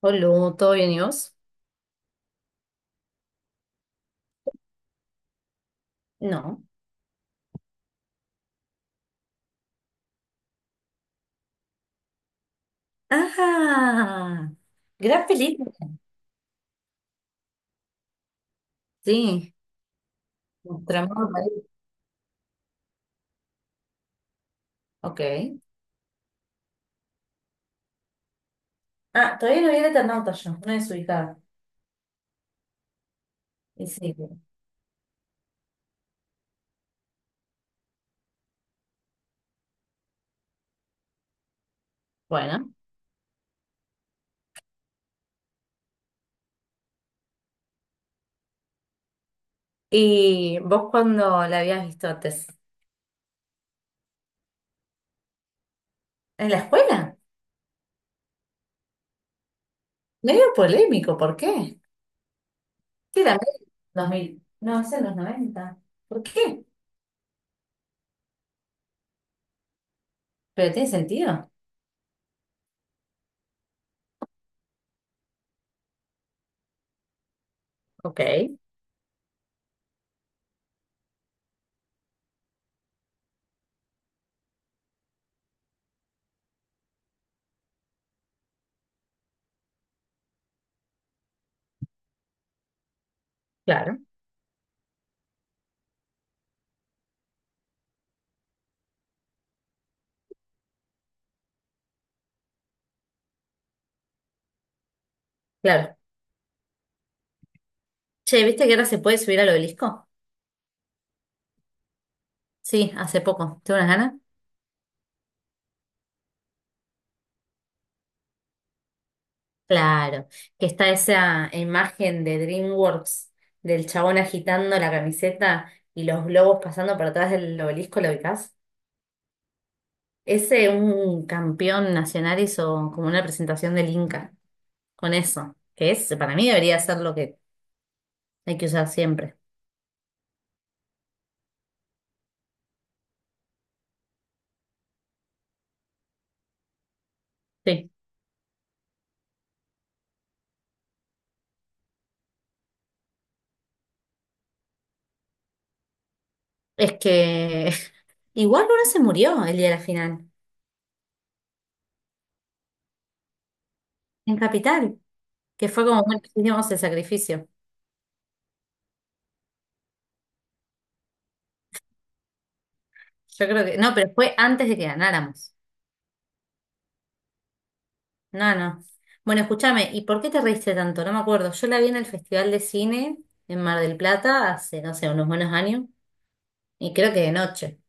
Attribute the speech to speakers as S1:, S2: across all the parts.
S1: Hola, ¿todo bien y vos? No. Ah, gran película. Sí, nuestro amor marido. Ok. Ah, todavía no vi el Eternauta yo, una desubicada. Y sí, bueno. ¿Y vos cuándo la habías visto antes? ¿En la escuela? Medio polémico, ¿por qué? Sí, la 2000. No, es en los 90. ¿Por qué? Pero tiene sentido. Ok, claro, claro. Che, ¿viste que ahora se puede subir al obelisco? Sí, hace poco. ¿Tengo unas ganas? Claro, que está esa imagen de DreamWorks del chabón agitando la camiseta y los globos pasando por atrás del obelisco, ¿lo ubicás? Ese un campeón nacional hizo como una presentación del Inca con eso, que es, para mí debería ser lo que hay que usar siempre. Sí. Es que igual uno se murió el día de la final, en Capital, que fue como, bueno, hicimos el sacrificio. Yo creo que, no, pero fue antes de que ganáramos. No, no. Bueno, escúchame, ¿y por qué te reíste tanto? No me acuerdo. Yo la vi en el Festival de Cine en Mar del Plata hace, no sé, unos buenos años. Y creo que de noche.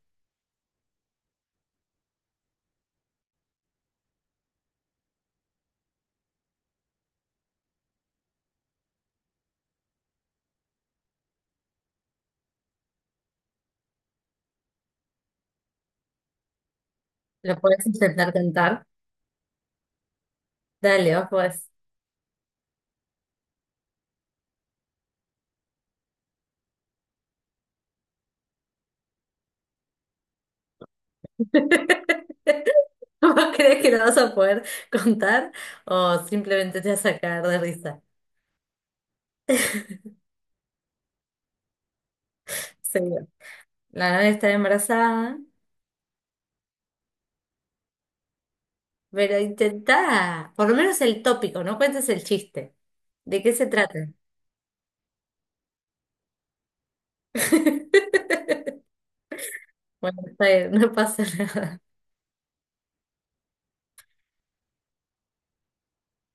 S1: ¿Lo podés intentar cantar? Dale, vos podés. ¿Vos crees que lo vas a poder contar o simplemente te vas a caer de risa? Seguro. La novia está embarazada, pero intentá. Por lo menos el tópico, no cuentes el chiste. ¿De qué se trata? Bueno, está bien, no pasa nada.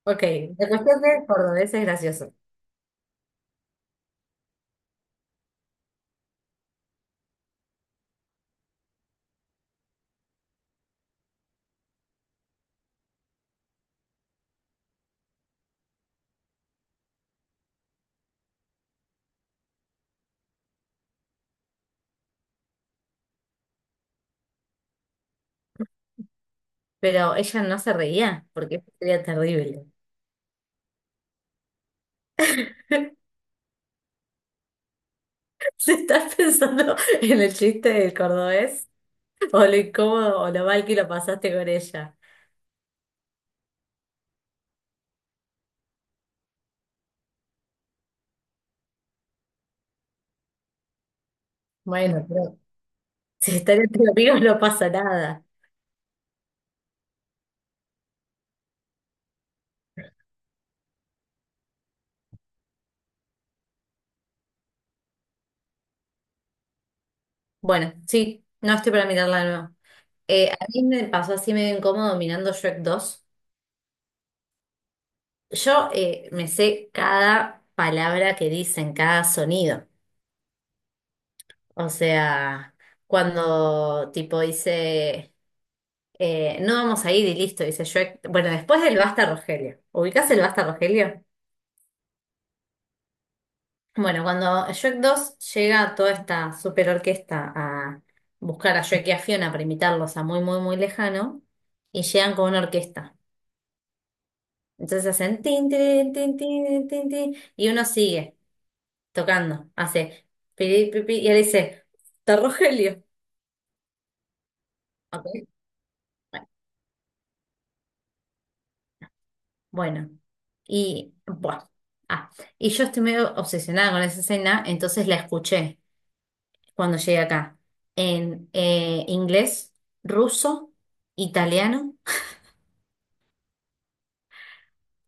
S1: Ok, la cuestión de cordobés es gracioso, pero ella no se reía porque sería terrible. ¿Se estás pensando en el chiste del cordobés o lo incómodo o lo mal que lo pasaste con ella? Bueno, pero si están entre amigos no pasa nada. Bueno, sí, no estoy para mirarla de nuevo. A mí me pasó así medio incómodo mirando Shrek 2. Yo me sé cada palabra que dicen, cada sonido. O sea, cuando tipo dice... No vamos a ir y listo, dice Shrek. Bueno, después del Basta Rogelio. ¿Ubicás el Basta Rogelio? Bueno, cuando Shrek 2 llega toda esta super orquesta a buscar a Shrek y a Fiona para imitarlos a muy, muy, muy lejano, y llegan con una orquesta. Entonces hacen tin, tin, tin, tin, tin, tin, y uno sigue tocando, hace pi, pi, pi, y él dice, está Rogelio. Ok. Bueno, y bueno. Ah, y yo estoy medio obsesionada con esa escena, entonces la escuché cuando llegue acá en inglés, ruso, italiano.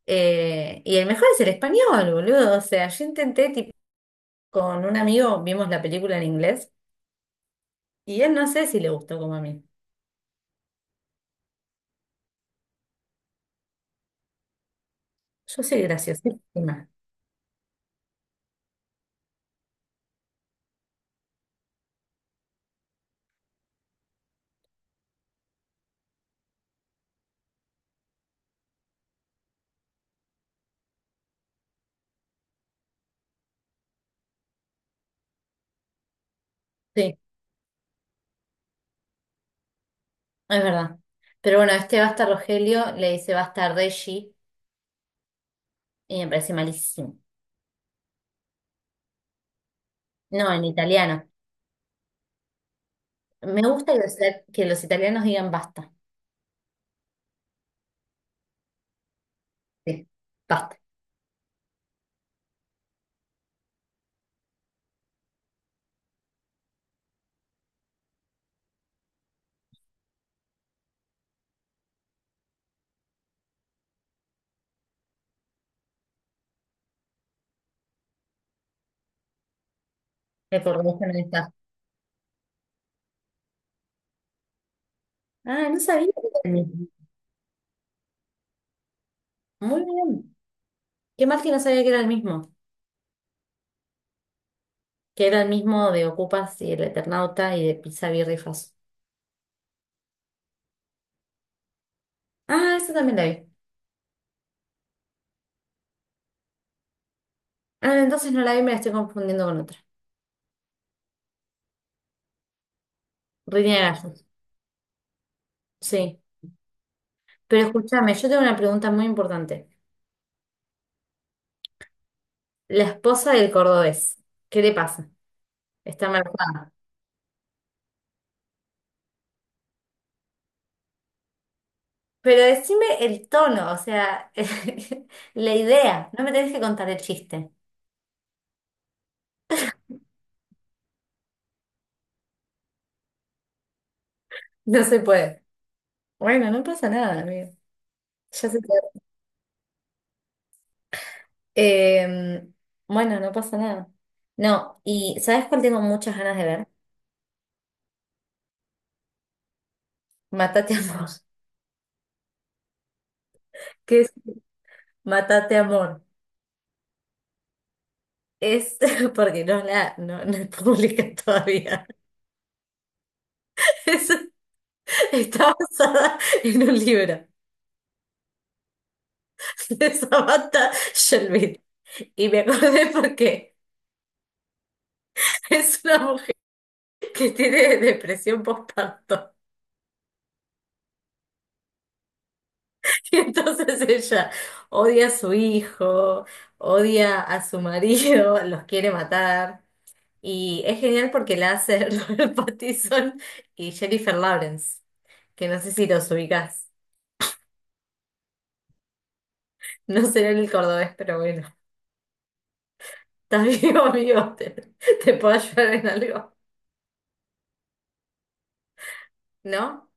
S1: Y el mejor es el español, boludo. O sea, yo intenté, tipo, con un amigo vimos la película en inglés y él no sé si le gustó como a mí. Yo soy graciosísima. Sí, es verdad. Pero bueno, este basta Rogelio le dice basta Reggie y me parece malísimo. No, en italiano. Me gusta que los, italianos digan basta. Sí, basta. Me acordé que no está. Ah, no sabía que era el mismo. Muy bien. Qué mal que no sabía que era el mismo. Que era el mismo de Ocupas y el Eternauta y de Pizza Birra y Faso. Ah, esa también la vi. Ah, entonces no la vi, me la estoy confundiendo con otra. Rini de Gallos. Sí. Pero escúchame, yo tengo una pregunta muy importante. La esposa del cordobés, ¿qué le pasa? Está embarazada. Pero decime el tono, o sea, la idea. No me tenés que contar el chiste. No se puede. Bueno, no pasa nada, amigo. Ya se te. Eh, bueno, no pasa nada. No, y ¿sabes cuál tengo muchas ganas de ver? Mátate Amor. ¿Qué es Mátate Amor? Es porque no la no, no es pública todavía. Es- Está basada en un libro de Samantha Shelby. Y me acordé porque es una mujer que tiene depresión postparto. Y entonces ella odia a su hijo, odia a su marido, los quiere matar. Y es genial porque la hace Robert Pattinson y Jennifer Lawrence, que no sé si los ubicás. No será en el cordobés, pero bueno. Estás vivo, amigo. ¿Te puedo ayudar en algo? ¿No?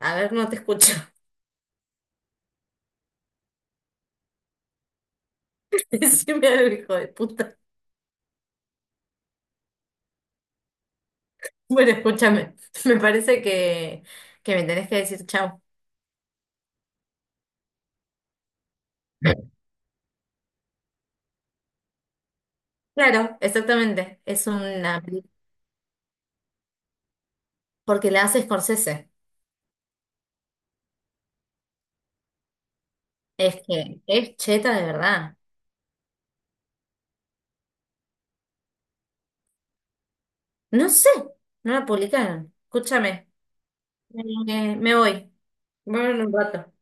S1: A ver, no te escucho. Decime algo, hijo de puta. Bueno, escúchame. Me parece que me tenés que decir chau. Claro, exactamente. Es una... peli- Porque la hace Scorsese. Es que es cheta de verdad. No sé, no la publicaron. Escúchame. Me voy. Bueno, un rato.